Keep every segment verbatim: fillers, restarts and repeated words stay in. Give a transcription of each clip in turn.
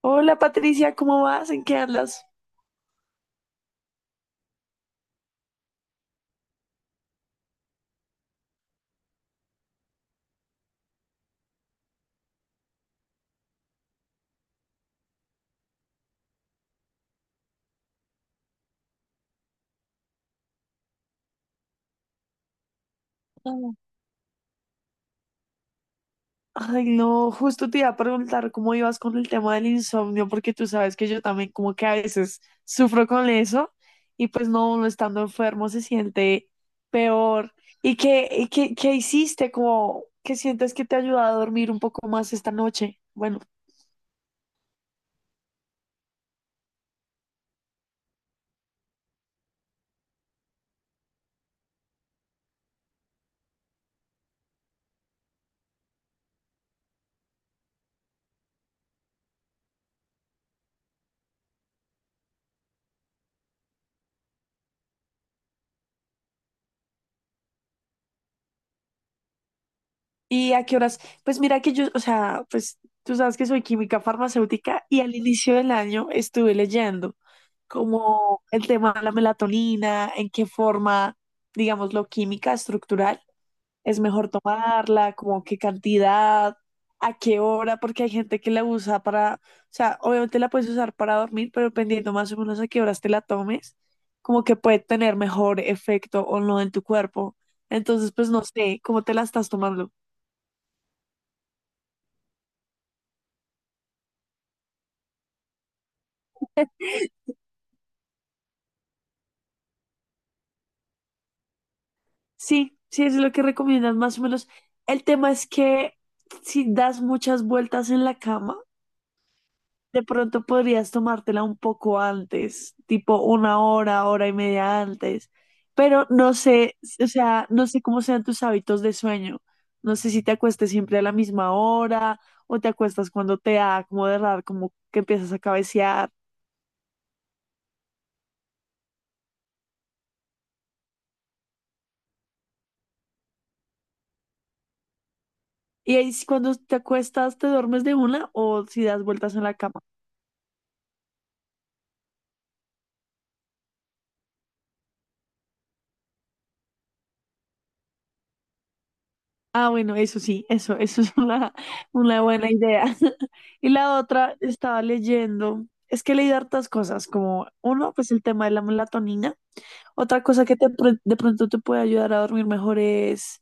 Hola Patricia, ¿cómo vas? ¿En qué andas? Hola. Ay, no, justo te iba a preguntar cómo ibas con el tema del insomnio, porque tú sabes que yo también como que a veces sufro con eso y pues no, uno estando enfermo se siente peor. ¿Y qué, y qué, qué hiciste? Cómo, ¿qué sientes que te ayuda a dormir un poco más esta noche? Bueno. ¿Y a qué horas? Pues mira que yo, o sea, pues tú sabes que soy química farmacéutica y al inicio del año estuve leyendo como el tema de la melatonina, en qué forma, digamos lo química estructural es mejor tomarla, como qué cantidad, a qué hora, porque hay gente que la usa para, o sea, obviamente la puedes usar para dormir, pero dependiendo más o menos a qué horas te la tomes, como que puede tener mejor efecto o no en tu cuerpo. Entonces, pues no sé cómo te la estás tomando. Sí, sí, es lo que recomiendan más o menos. El tema es que si das muchas vueltas en la cama, de pronto podrías tomártela un poco antes, tipo una hora, hora y media antes. Pero no sé, o sea, no sé cómo sean tus hábitos de sueño. No sé si te acuestes siempre a la misma hora o te acuestas cuando te da como de raro, como que empiezas a cabecear. Y ahí sí, cuando te acuestas, ¿te duermes de una o si das vueltas en la cama? Ah, bueno, eso sí, eso, eso es una, una buena idea. Y la otra, estaba leyendo, es que leí hartas cosas, como uno, pues el tema de la melatonina. Otra cosa que te pr- de pronto te puede ayudar a dormir mejor es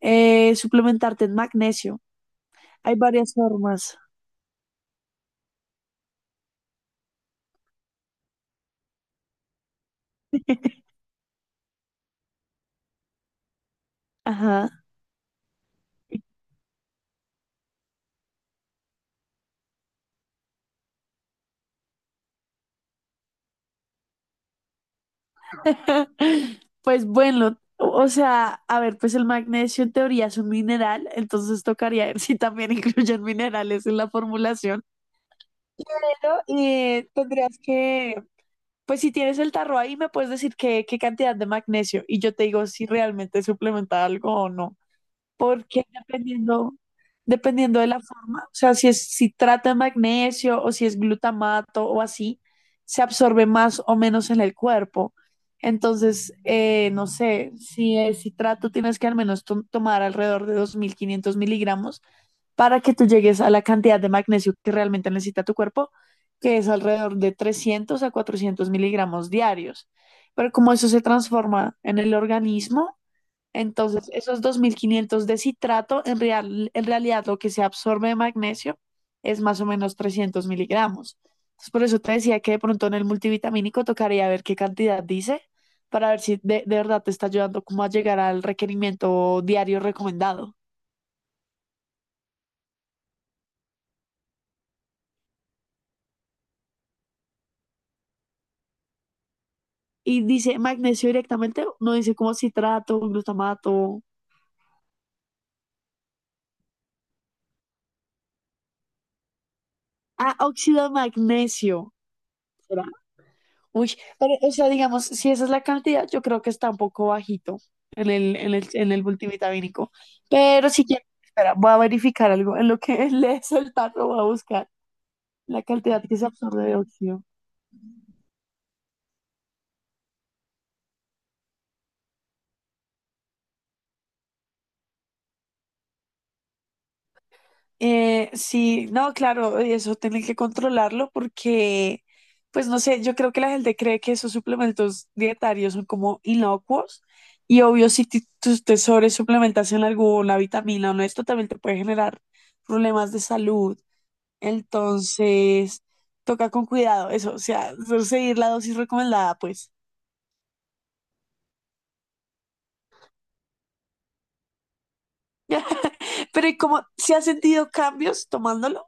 eh, suplementarte en magnesio. Hay varias formas. Ajá. Pues bueno, o o sea, a ver, pues el magnesio en teoría es un mineral, entonces tocaría ver si también incluyen minerales en la formulación. Pero eh, tendrías que, pues si tienes el tarro ahí, me puedes decir qué, qué cantidad de magnesio y yo te digo si realmente suplementa algo o no. Porque dependiendo, dependiendo de la forma, o sea, si es, si trata de magnesio o si es glutamato o así, se absorbe más o menos en el cuerpo. Entonces, eh, no sé, si es citrato tienes que al menos to- tomar alrededor de dos mil quinientos miligramos para que tú llegues a la cantidad de magnesio que realmente necesita tu cuerpo, que es alrededor de trescientos a cuatrocientos miligramos diarios. Pero como eso se transforma en el organismo, entonces esos dos mil quinientos de citrato, en, real- en realidad lo que se absorbe de magnesio es más o menos trescientos miligramos. Entonces, por eso te decía que de pronto en el multivitamínico tocaría ver qué cantidad dice para ver si de, de verdad te está ayudando como a llegar al requerimiento diario recomendado. Y dice magnesio directamente, no dice como citrato, glutamato. Ah, óxido de magnesio. ¿Será? Uy, pero, o sea, digamos, si esa es la cantidad, yo creo que está un poco bajito en el, en el, en el multivitamínico. Pero si quieres, espera, voy a verificar algo. En lo que lees el tarro, voy a buscar la cantidad que se absorbe de óxido. Eh, sí, no, claro, y eso tienen que controlarlo porque, pues no sé, yo creo que la gente cree que esos suplementos dietarios son como inocuos y obvio si ti- tus te suplementas en alguna vitamina o no, esto también te puede generar problemas de salud. Entonces, toca con cuidado eso, o sea, seguir la dosis recomendada, pues. Pero ¿y cómo, si has sentido cambios tomándolo?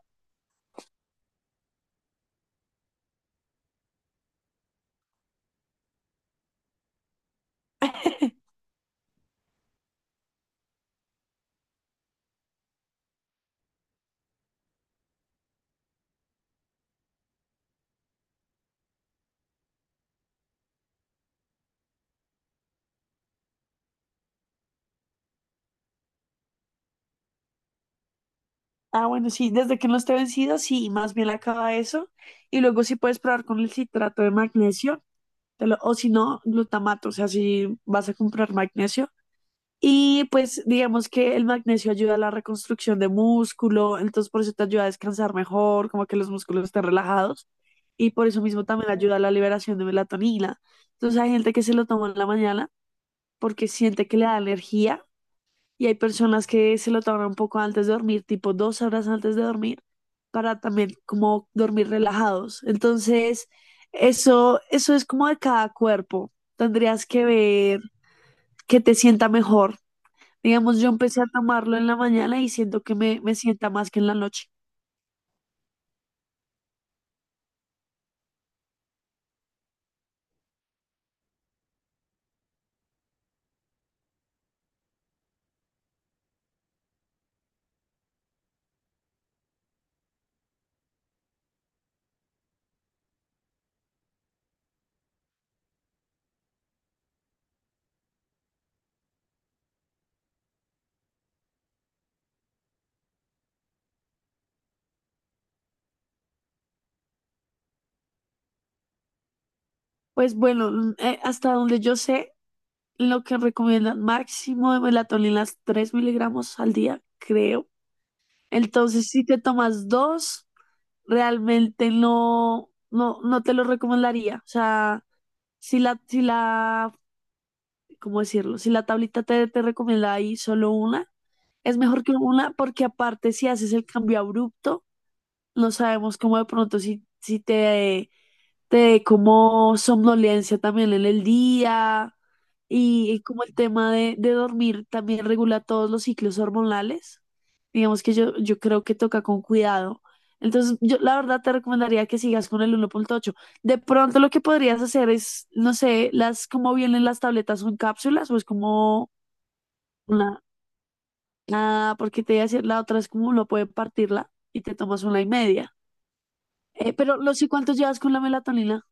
Ah, bueno, sí, desde que no esté vencido, sí, más bien acaba eso. Y luego sí puedes probar con el citrato de magnesio, te lo- o si no, glutamato, o sea, si vas a comprar magnesio. Y pues digamos que el magnesio ayuda a la reconstrucción de músculo, entonces por eso te ayuda a descansar mejor, como que los músculos estén relajados. Y por eso mismo también ayuda a la liberación de melatonina. Entonces hay gente que se lo toma en la mañana porque siente que le da energía y hay personas que se lo toman un poco antes de dormir, tipo dos horas antes de dormir, para también como dormir relajados. Entonces, eso, eso es como de cada cuerpo. Tendrías que ver que te sienta mejor. Digamos, yo empecé a tomarlo en la mañana y siento que me, me sienta más que en la noche. Pues bueno, mm, eh, hasta donde yo sé, lo que recomiendan máximo de melatonina tres miligramos al día, creo. Entonces, si te tomas dos, realmente no, no, no te lo recomendaría. O sea, si la, si la, ¿cómo decirlo? Si la tablita te, te recomienda ahí solo una, es mejor que una porque aparte si haces el cambio abrupto, no sabemos cómo de pronto si, si te te dé como somnolencia también en el día y, y como el tema de, de dormir también regula todos los ciclos hormonales. Digamos que yo, yo creo que toca con cuidado. Entonces, yo la verdad te recomendaría que sigas con el uno punto ocho. De pronto lo que podrías hacer es, no sé, las, cómo vienen las tabletas, son cápsulas o es como una, ah, porque te voy a decir, la otra es como uno puede partirla y te tomas una y media. Eh, pero, ¿los y cuántos llevas con la melatonina?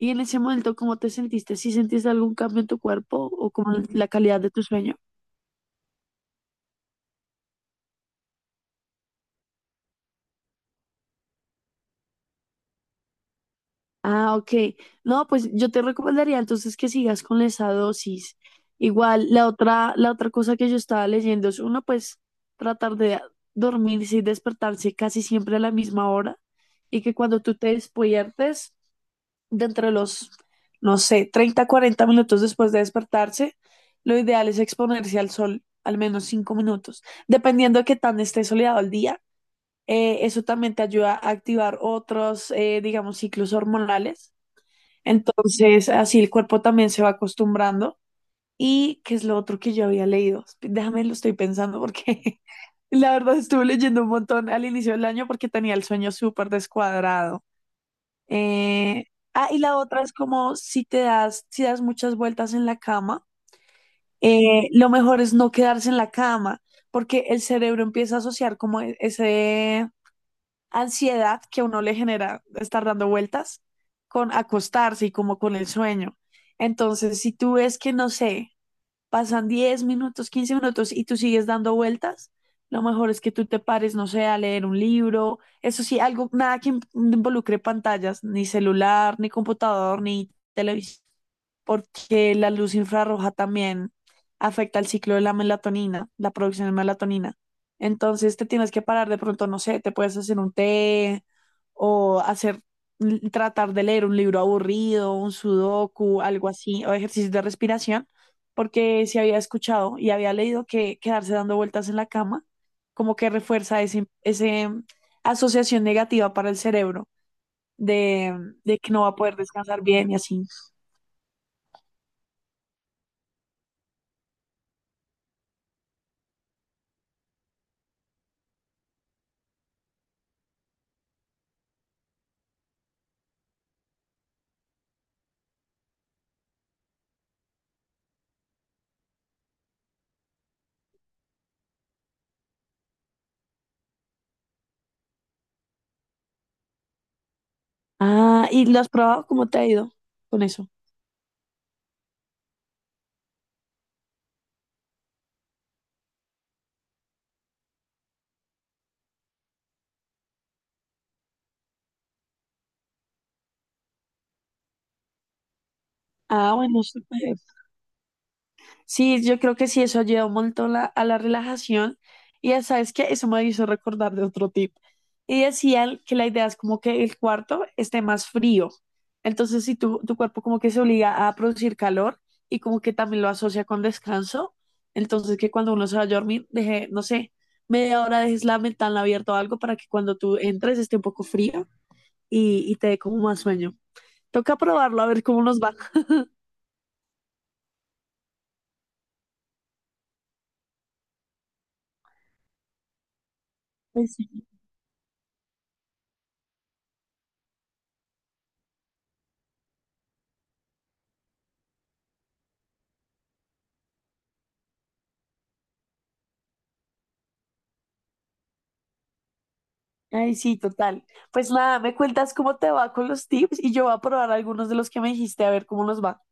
Y en ese momento, ¿cómo te sentiste? ¿Si sentiste algún cambio en tu cuerpo o como en la calidad de tu sueño? Ah, ok. No, pues yo te recomendaría entonces que sigas con esa dosis. Igual, la otra, la otra cosa que yo estaba leyendo es uno, pues tratar de dormirse y despertarse casi siempre a la misma hora y que cuando tú te despiertes, dentro de los, no sé, treinta, cuarenta minutos después de despertarse, lo ideal es exponerse al sol al menos cinco minutos dependiendo de qué tan esté soleado el día, eh, eso también te ayuda a activar otros, eh, digamos, ciclos hormonales. Entonces, así el cuerpo también se va acostumbrando. ¿Y qué es lo otro que yo había leído? Déjame, lo estoy pensando porque la verdad estuve leyendo un montón al inicio del año porque tenía el sueño súper descuadrado. Eh, ah, y la otra es como si te das, si das muchas vueltas en la cama, eh, lo mejor es no quedarse en la cama porque el cerebro empieza a asociar como e- ese ansiedad que a uno le genera estar dando vueltas con acostarse y como con el sueño. Entonces, si tú ves que, no sé, pasan diez minutos, quince minutos y tú sigues dando vueltas, lo mejor es que tú te pares, no sé, a leer un libro, eso sí, algo, nada que in- involucre pantallas, ni celular, ni computador, ni televisión, porque la luz infrarroja también afecta el ciclo de la melatonina, la producción de melatonina. Entonces te tienes que parar de pronto, no sé, te puedes hacer un té o hacer, tratar de leer un libro aburrido, un sudoku, algo así, o ejercicio de respiración porque sí había escuchado y había leído que quedarse dando vueltas en la cama como que refuerza ese, ese mm, asociación negativa para el cerebro de, mm, de que no va a poder descansar bien y así. Ah, ¿y lo has probado? ¿Cómo te ha ido con eso? Ah, bueno, súper. Sí, yo creo que sí, eso ayuda un montón la- a la relajación. Y ya sabes que eso me hizo recordar de otro tip. Y decían que la idea es como que el cuarto esté más frío. Entonces, si tu, tu cuerpo como que se obliga a producir calor y como que también lo asocia con descanso, entonces que cuando uno se va a dormir, deje, no sé, media hora dejes la ventana abierta o algo para que cuando tú entres esté un poco frío y, y te dé como más sueño. Toca probarlo a ver cómo nos va. Ay, sí, total. Pues nada, me cuentas cómo te va con los tips y yo voy a probar algunos de los que me dijiste a ver cómo nos va.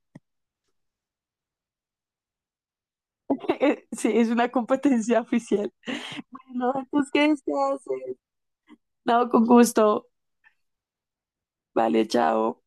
Sí, es una competencia oficial. Bueno, entonces, ¿qué se hace? No, con gusto. Vale, chao.